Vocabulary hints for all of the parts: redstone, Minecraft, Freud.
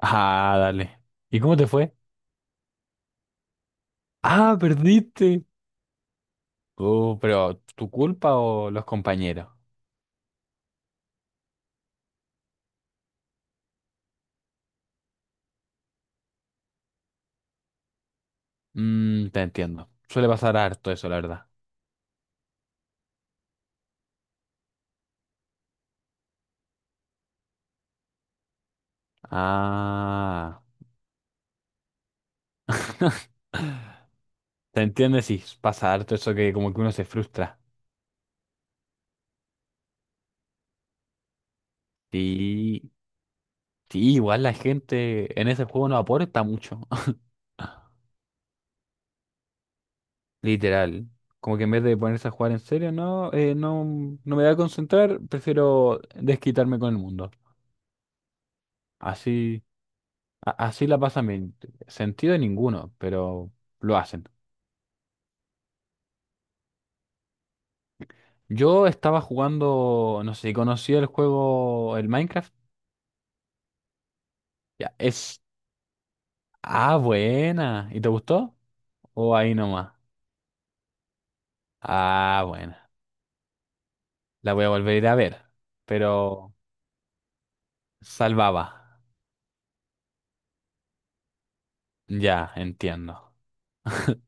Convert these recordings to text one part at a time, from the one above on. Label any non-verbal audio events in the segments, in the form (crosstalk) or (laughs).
Ah, dale. ¿Y cómo te fue? Ah, perdiste. Oh, pero ¿tu culpa o los compañeros? Mm, te entiendo. Suele pasar harto eso, la verdad. Ah. (laughs) ¿Te entiendes? Sí, pasa harto eso que como que uno se frustra. Sí, sí, igual la gente en ese juego no aporta mucho. (laughs) Literal. Como que en vez de ponerse a jugar en serio, no, no, no me voy a concentrar, prefiero desquitarme con el mundo. Así. A- Así la pasan bien. Sentido ninguno, pero lo hacen. Yo estaba jugando, no sé si conocía el juego, el Minecraft. Ya, es. Ah, buena. ¿Y te gustó? ¿O ahí nomás? Ah, buena. La voy a volver a ir a ver. Pero salvaba. Ya, entiendo. (laughs)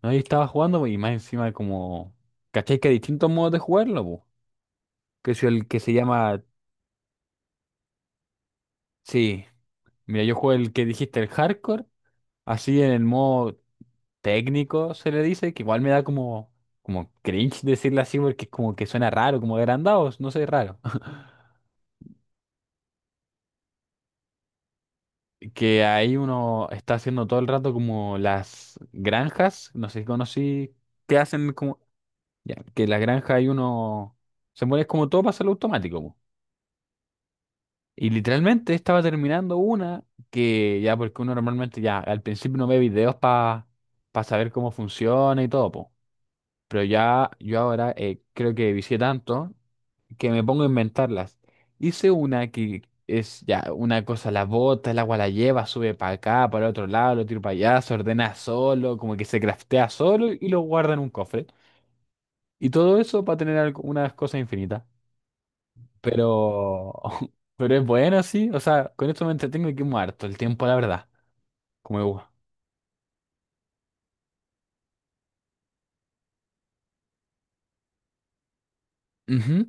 No, ahí estaba jugando po, y más encima como. ¿Cachai que hay distintos modos de jugarlo, po? Que es el que se llama. Sí. Mira, yo juego el que dijiste, el hardcore. Así en el modo técnico se le dice, que igual me da como, como cringe decirle así porque como que suena raro, como agrandados, no sé, raro. (laughs) Que ahí uno está haciendo todo el rato como las granjas, no sé si conocí, que hacen como, ya, que la granja ahí uno, se mueve como todo para hacerlo automático. Po. Y literalmente estaba terminando una que ya, porque uno normalmente ya al principio no ve videos para saber cómo funciona y todo, po. Pero ya yo ahora creo que vicié tanto que me pongo a inventarlas. Hice una que es ya una cosa, la bota, el agua la lleva, sube para acá, para otro lado, lo tiro para allá, se ordena solo, como que se craftea solo y lo guarda en un cofre. Y todo eso para tener algo- unas cosas infinitas. Pero, (laughs) pero es bueno, sí. O sea, con esto me entretengo y que muerto el tiempo, la verdad. Como igual. Ujú.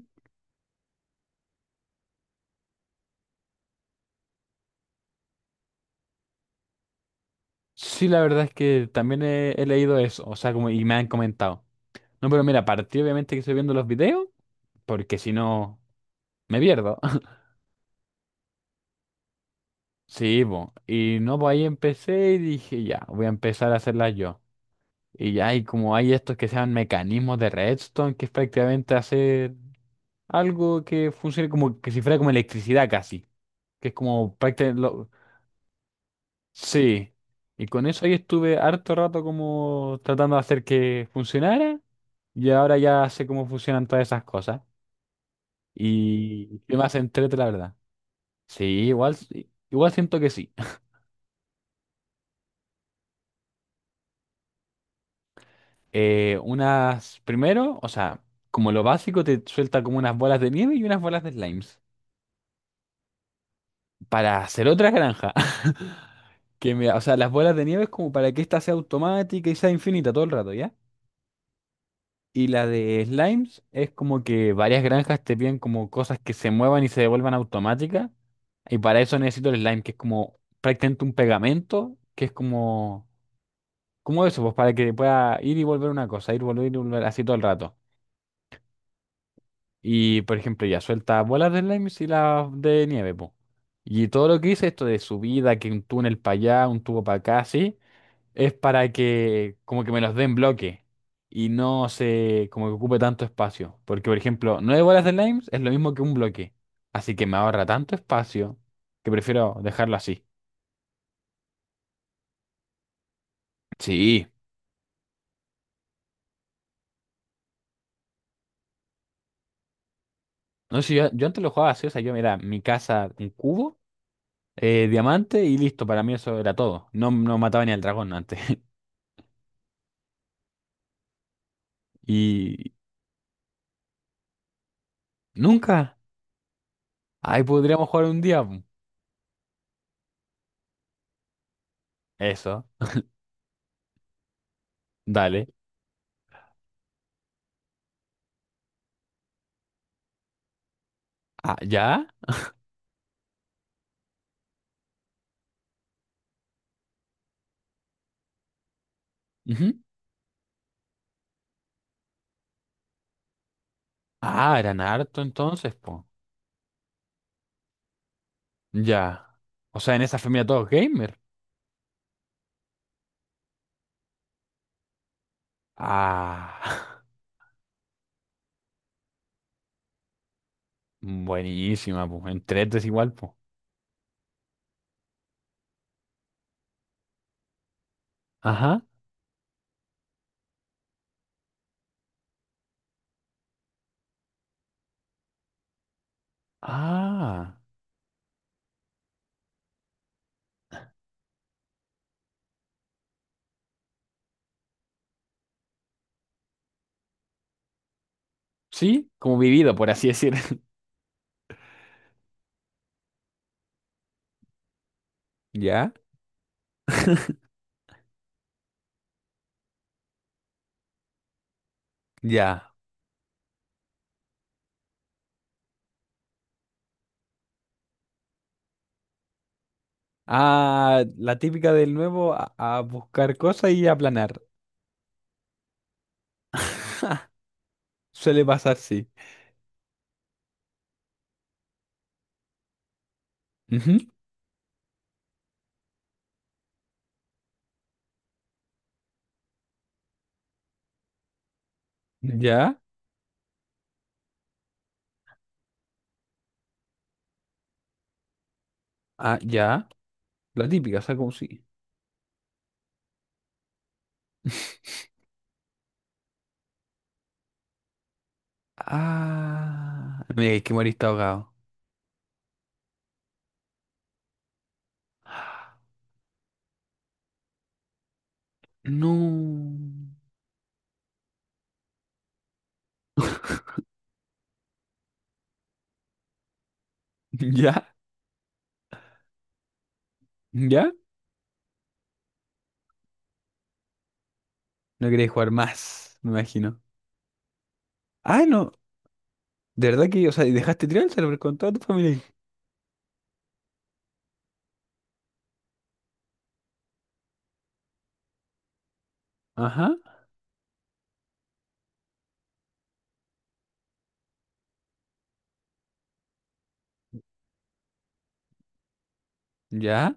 Sí, la verdad es que también he leído eso, o sea, como y me han comentado. No, pero mira, partí obviamente que estoy viendo los videos, porque si no, me pierdo. (laughs) Sí, po. Y no, pues ahí empecé y dije, ya, voy a empezar a hacerlas yo. Y ya, y como hay estos que sean mecanismos de redstone, que es prácticamente hacer algo que funcione como que si fuera como electricidad casi, que es como prácticamente lo... Sí, y con eso ahí estuve harto rato como tratando de hacer que funcionara y ahora ya sé cómo funcionan todas esas cosas y qué más entrete la verdad. Sí, igual siento que sí. (laughs) Unas, primero, o sea, como lo básico, te suelta como unas bolas de nieve y unas bolas de slimes. Para hacer otra granja. (laughs) Que me, o sea, las bolas de nieve es como para que esta sea automática y sea infinita todo el rato, ¿ya? Y la de slimes es como que varias granjas te piden como cosas que se muevan y se devuelvan automáticas. Y para eso necesito el slime, que es como prácticamente un pegamento, que es como ¿cómo eso? Pues para que pueda ir y volver una cosa, ir, volver y volver así todo el rato. Y por ejemplo, ya suelta bolas de slime y las de nieve, pues. Y todo lo que hice, esto de subida, que un túnel para allá, un tubo para acá, así, es para que como que me los den bloque y no se como que ocupe tanto espacio. Porque por ejemplo, 9 bolas de slime es lo mismo que un bloque. Así que me ahorra tanto espacio que prefiero dejarlo así. Sí. No sé, yo antes lo jugaba así, o sea, yo mira, mi casa, un cubo. Eh, diamante y listo, para mí eso era todo. No, no mataba ni al dragón antes. (laughs) Y nunca. Ahí podríamos jugar un día. Po. Eso, dale. Ah, ¿ya? Ujú. Ah, eran harto entonces, po. Ya. O sea, en esa familia todos gamer. Ah, (laughs) buenísima, pues En tres es igual, po. Ajá. Ah. Sí, como vivido, por así decir. (laughs) ¿Ya? Ya. Ah, la típica del nuevo a buscar cosas y a planear. (laughs) Suele pasar, sí. Ujú. Ya, ah, ya. La típica, o sea, como si. (laughs) Ah, mira, es que moriste ahogado. No. (laughs) ¿Ya? ¿Ya? No queréis jugar más, me imagino. Ah, no. De verdad que, o sea, y dejaste tirar el server con toda tu familia. Ahí? Ajá. ¿Ya?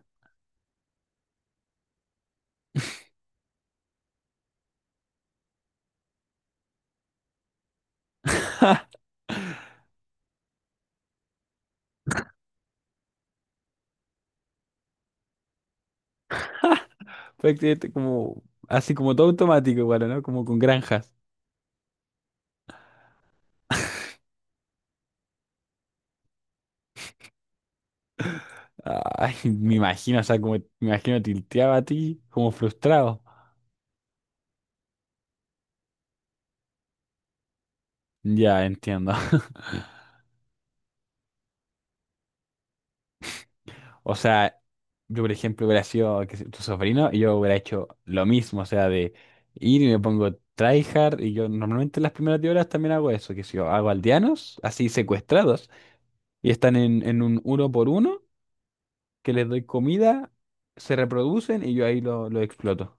(laughs) Prácticamente como, así como todo automático, bueno, ¿no? Como con granjas. Ay, me imagino, o sea, como, me imagino tilteaba a ti, como frustrado. Ya, entiendo. O sea, yo, por ejemplo, hubiera sido qué sé, tu sobrino y yo hubiera hecho lo mismo, o sea, de ir y me pongo tryhard y yo normalmente en las primeras 10 horas también hago eso, que si yo hago aldeanos, así secuestrados, y están en un uno por uno, que les doy comida, se reproducen y yo ahí lo exploto.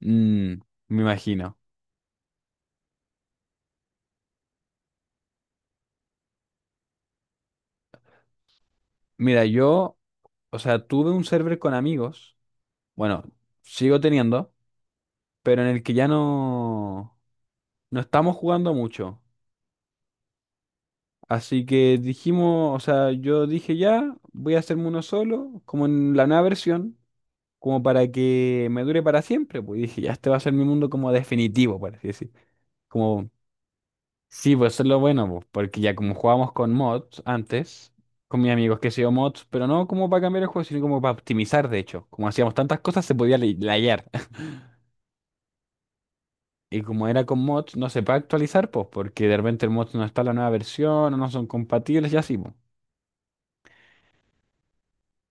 Mm, me imagino. Mira, yo, o sea, tuve un server con amigos, bueno, sigo teniendo, pero en el que ya no, no estamos jugando mucho. Así que dijimos, o sea, yo dije ya, voy a hacerme uno solo, como en la nueva versión, como para que me dure para siempre. Pues dije, ya este va a ser mi mundo como definitivo, por así decir. Como, sí, pues eso es lo bueno, pues, porque ya como jugábamos con mods antes, con mis amigos que hacían mods, pero no como para cambiar el juego, sino como para optimizar, de hecho. Como hacíamos tantas cosas, se podía lay- layar. (laughs) Y como era con mods, no se puede actualizar, pues, porque de repente el mod no está en la nueva versión, o no son compatibles y así, pues.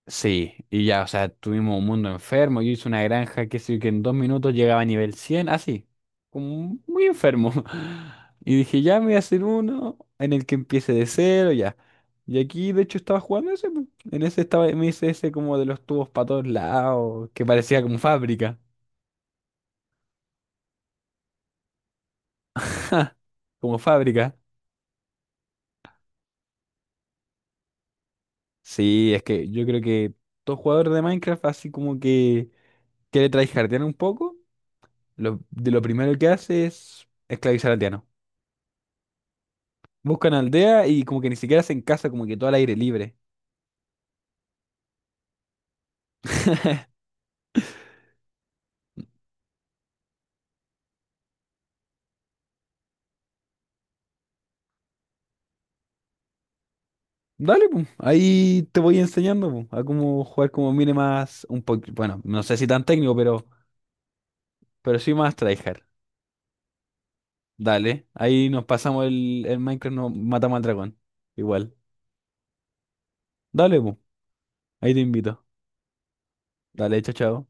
Sí, y ya, o sea, tuvimos un mundo enfermo. Yo hice una granja que sí, que en dos minutos llegaba a nivel 100, así, como muy enfermo. (laughs) Y dije, ya me voy a hacer uno en el que empiece de cero, ya. Y aquí, de hecho, estaba jugando ese. Po. En ese estaba, me hice ese como de los tubos para todos lados, que parecía como fábrica. (laughs) Como fábrica. Sí, es que yo creo que todo jugador de Minecraft, así como que quiere tryhardear un poco, lo, de lo primero que hace es esclavizar al Buscan aldea y como que ni siquiera hacen casa, como que todo al aire libre. Dale, pum. Ahí te voy enseñando, pum, a cómo jugar como mire más un poquito. Bueno, no sé si tan técnico, pero sí más tryhard. Dale. Ahí nos pasamos el Minecraft, nos matamos al dragón. Igual. Dale, pum. Ahí te invito. Dale, chao, chao.